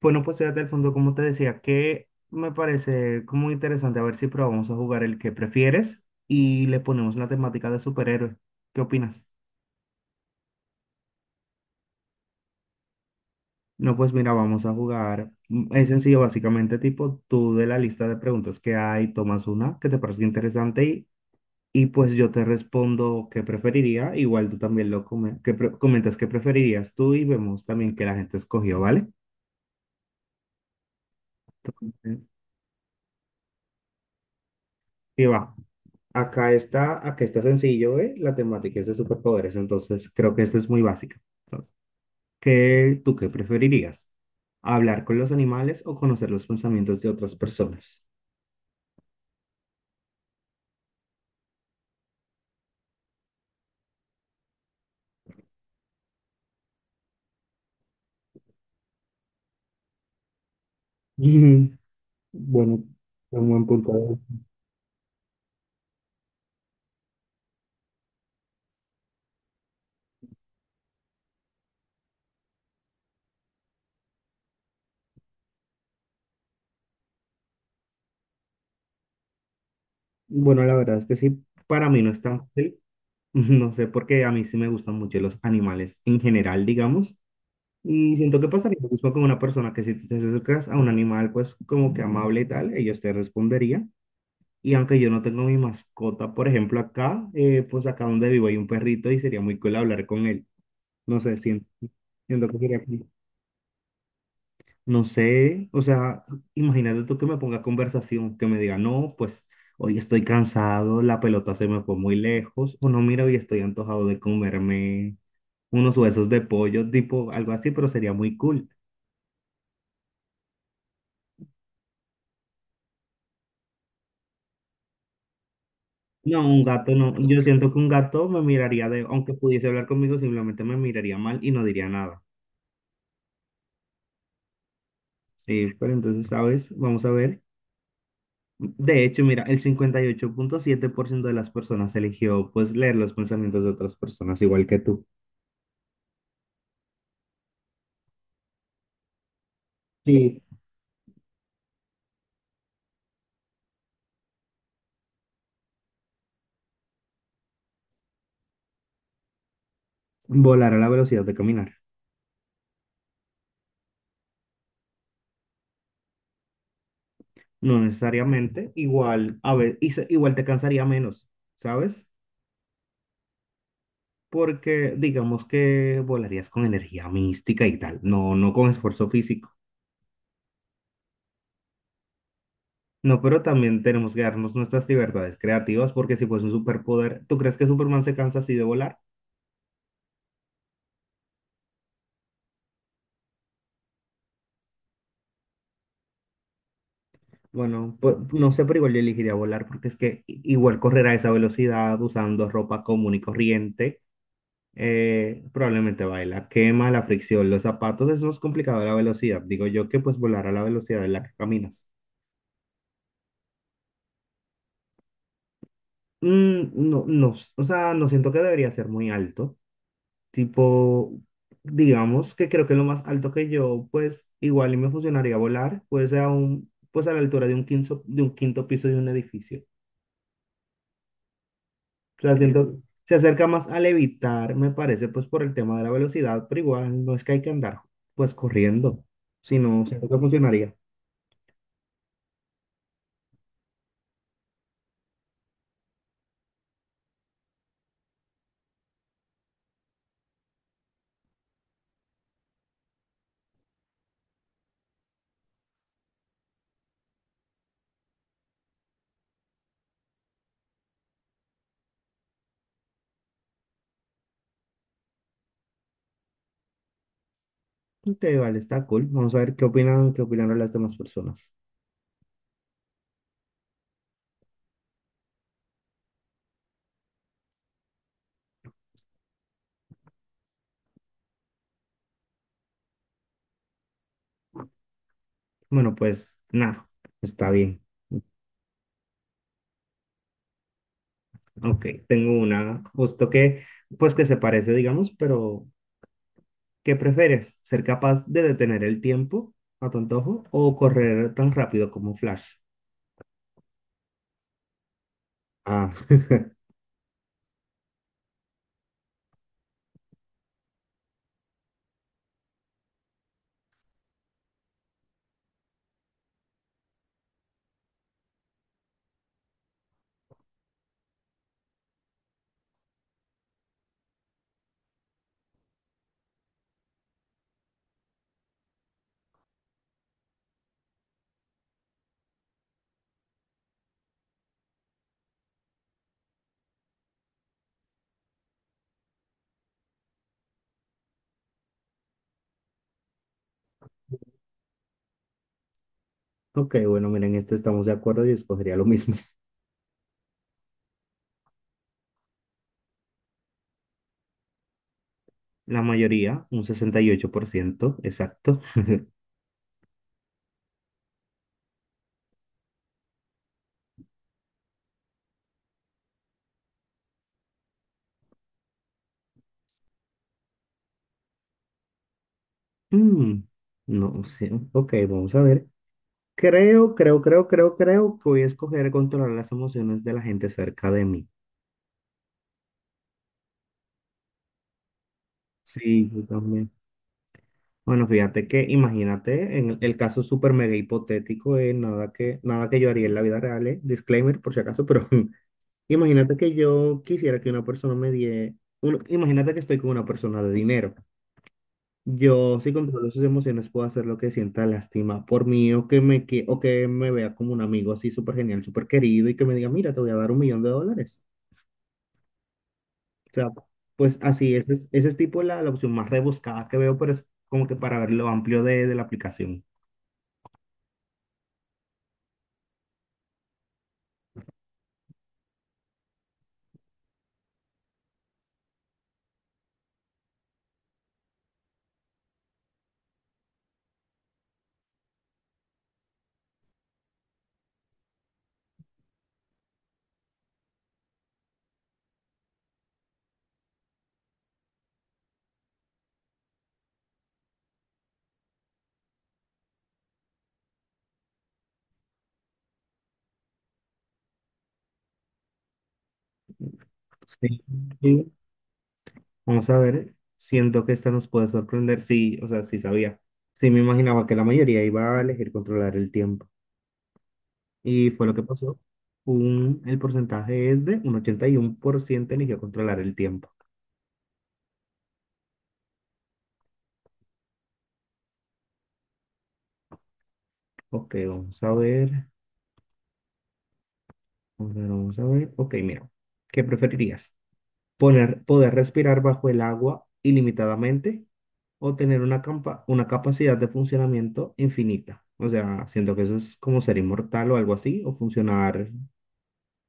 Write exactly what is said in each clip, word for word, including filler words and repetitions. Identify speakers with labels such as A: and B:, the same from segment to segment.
A: Bueno, pues fíjate al fondo, como te decía, que me parece como interesante a ver si probamos a jugar el que prefieres y le ponemos la temática de superhéroes. ¿Qué opinas? No, pues mira, vamos a jugar. Mm, Es sencillo, básicamente, tipo, tú de la lista de preguntas que hay, tomas una que te parece interesante y, y pues yo te respondo qué preferiría. Igual tú también lo come- que pre- comentas qué preferirías tú y vemos también que la gente escogió, ¿vale? Entonces, sí va. Acá está, acá está sencillo, ¿eh? La temática es de superpoderes, entonces creo que esta es muy básica. Entonces, ¿qué, tú qué preferirías? ¿Hablar con los animales o conocer los pensamientos de otras personas? Ujú. Bueno, un buen punto. Bueno, la verdad es que sí, para mí no es tan fácil. No sé por qué a mí sí me gustan mucho los animales en general, digamos. Y siento que pasaría lo mismo con una persona que si tú te acercas a un animal, pues como que amable y tal, ellos te responderían. Y aunque yo no tengo mi mascota, por ejemplo, acá, eh, pues acá donde vivo hay un perrito y sería muy cool hablar con él. No sé, siento, siento que sería cool. No sé, o sea, imagínate tú que me ponga conversación, que me diga, no, pues hoy estoy cansado, la pelota se me fue muy lejos, o no, mira, hoy estoy antojado de comerme unos huesos de pollo, tipo algo así, pero sería muy cool. No, un gato no. Yo siento que un gato me miraría de, aunque pudiese hablar conmigo, simplemente me miraría mal y no diría nada. Sí, pero entonces, ¿sabes? Vamos a ver. De hecho, mira, el cincuenta y ocho punto siete por ciento de las personas eligió pues leer los pensamientos de otras personas, igual que tú. Sí. Volar a la velocidad de caminar. No necesariamente, igual, a ver, y se- igual te cansaría menos, ¿sabes? Porque digamos que volarías con energía mística y tal, no, no con esfuerzo físico. No, pero también tenemos que darnos nuestras libertades creativas, porque si fuese un superpoder, ¿tú crees que Superman se cansa así de volar? Bueno, pu- no sé, pero igual yo elegiría volar, porque es que i- igual correr a esa velocidad usando ropa común y corriente, eh, probablemente va la quema, la fricción, los zapatos, es más complicado la velocidad. Digo yo que pues volar a la velocidad en la que caminas. Mm, no, no, o sea, no siento que debería ser muy alto. Tipo, digamos que creo que lo más alto que yo, pues igual y me funcionaría volar, pues a un, pues a la altura de un quinto, de un quinto piso de un edificio. O sea, siento, se acerca más al evitar, me parece, pues por el tema de la velocidad, pero igual no es que hay que andar pues corriendo, sino siento que funcionaría. Ok, vale, está cool. Vamos a ver qué opinan, qué opinaron las demás personas. Bueno, pues nada, está bien. Ok, tengo una, justo que, pues que se parece, digamos, pero ¿qué prefieres? ¿Ser capaz de detener el tiempo a tu antojo o correr tan rápido como Flash? Ah, ok, bueno, miren, este estamos de acuerdo y escogería lo mismo. La mayoría, un sesenta y ocho por ciento exacto. Mm, no sé, ok, vamos a ver. Creo, creo, creo, creo, creo que voy a escoger controlar las emociones de la gente cerca de mí. Sí, yo también. Bueno, fíjate que imagínate, en el el caso súper mega hipotético, eh, nada que, nada que yo haría en la vida real, eh, disclaimer por si acaso, pero imagínate que yo quisiera que una persona me die, un- imagínate que estoy con una persona de dinero. Yo, si controlo sus emociones, puedo hacer lo que sienta lástima por mí o que me, que, o que me vea como un amigo así súper genial, súper querido y que me diga, mira, te voy a dar un millón de dólares. O sea, pues así, ese es, ese es tipo la, la opción más rebuscada que veo, pero es como que para ver lo amplio de, de la aplicación. Sí. Sí, Vamos a ver, siento que esta nos puede sorprender. Sí, o sea, sí sabía. Sí me imaginaba que la mayoría iba a elegir controlar el tiempo. Y fue lo que pasó. Un, el porcentaje es de un ochenta y uno por ciento eligió controlar el tiempo. Ok, vamos a ver. Vamos a ver, vamos a ver. Ok, mira. ¿Qué preferirías? ¿Poner, poder respirar bajo el agua ilimitadamente o tener una, campa- una capacidad de funcionamiento infinita? O sea, siento que eso es como ser inmortal o algo así, o funcionar,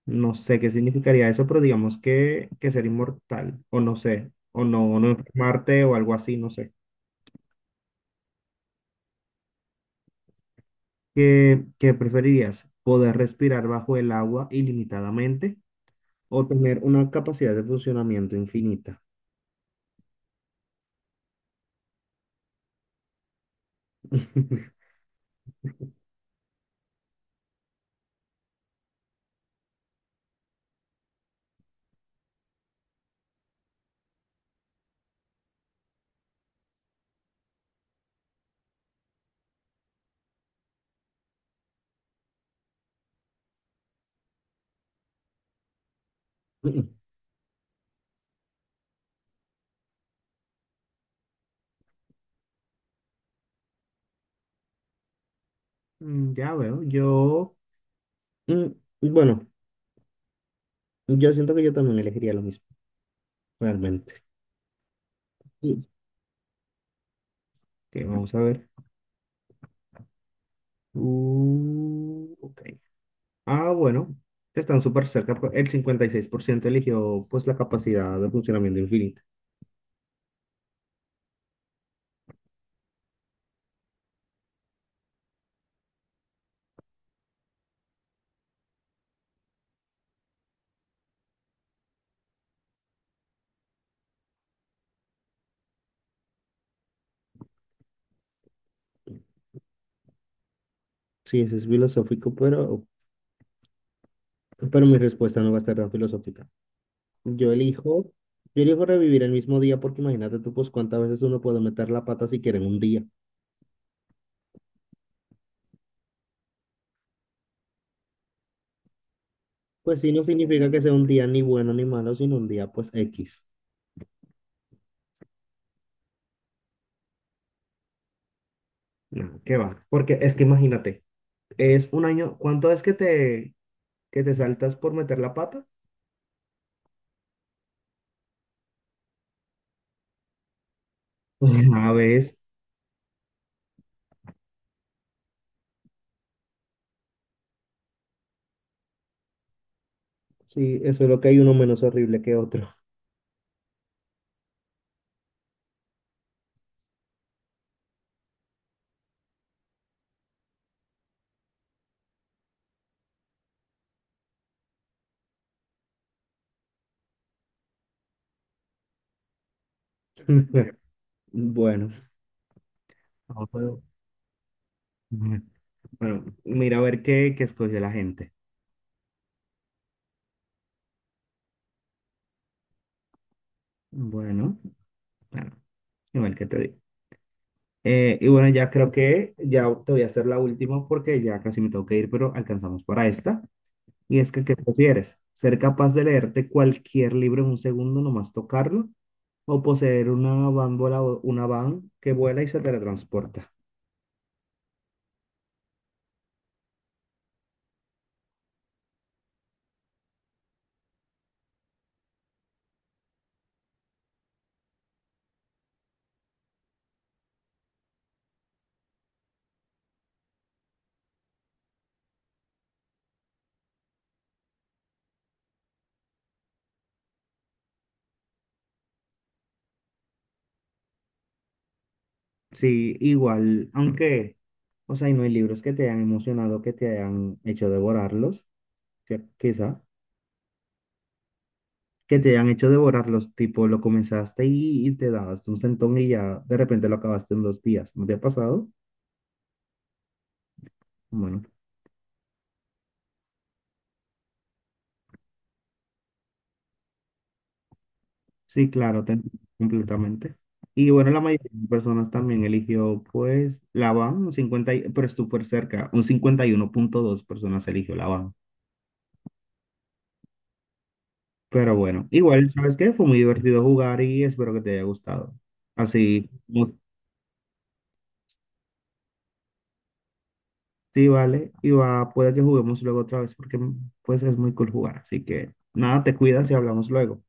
A: no sé qué significaría eso, pero digamos que, que ser inmortal, o no sé, o no, no enfermarte o algo así, no sé. ¿Qué, qué preferirías? ¿Poder respirar bajo el agua ilimitadamente o tener una capacidad de funcionamiento infinita? Mm, Ya veo, yo, mm, bueno, yo siento que yo también elegiría lo mismo, realmente. Sí. Ok, vamos a ver. Uh, ok. Ah, bueno, están súper cerca. pues, El cincuenta y seis por ciento eligió pues la capacidad de funcionamiento infinita. Sí, eso es filosófico, pero, pero mi respuesta no va a estar tan filosófica. Yo elijo, yo elijo revivir el mismo día porque imagínate tú, pues cuántas veces uno puede meter la pata si quiere en un día. Pues sí, no significa que sea un día ni bueno ni malo, sino un día pues X. No, qué va. Porque es que imagínate, es un año. ¿Cuánto es que te, que te saltas por meter la pata? una vez. Sí, eso es lo que hay uno menos horrible que otro. Bueno, No puedo. Bueno, mira a ver qué, qué escogió la gente. Bueno, claro, igual que te digo. Eh, y bueno, ya creo que ya te voy a hacer la última porque ya casi me tengo que ir, pero alcanzamos para esta. Y es que, ¿qué prefieres? ¿Ser capaz de leerte cualquier libro en un segundo, nomás tocarlo? ¿O poseer una van, vola- una van que vuela y se teletransporta? Sí, igual, aunque, o sea, y no hay libros que te hayan emocionado, que te hayan hecho devorarlos, que- quizá, que te hayan hecho devorarlos, tipo, lo comenzaste y, y te dabas un sentón y ya de repente lo acabaste en dos días. ¿No te ha pasado? Bueno, sí, claro, te entiendo completamente. Y bueno, la mayoría de personas también eligió, pues, la van, un cincuenta, y- pero es súper cerca, un cincuenta y uno punto dos personas eligió la van. Pero bueno, igual, ¿sabes qué? Fue muy divertido jugar y espero que te haya gustado. Así, mu- sí, vale, y va, puede que juguemos luego otra vez porque, pues, es muy cool jugar. Así que, nada, te cuidas y hablamos luego.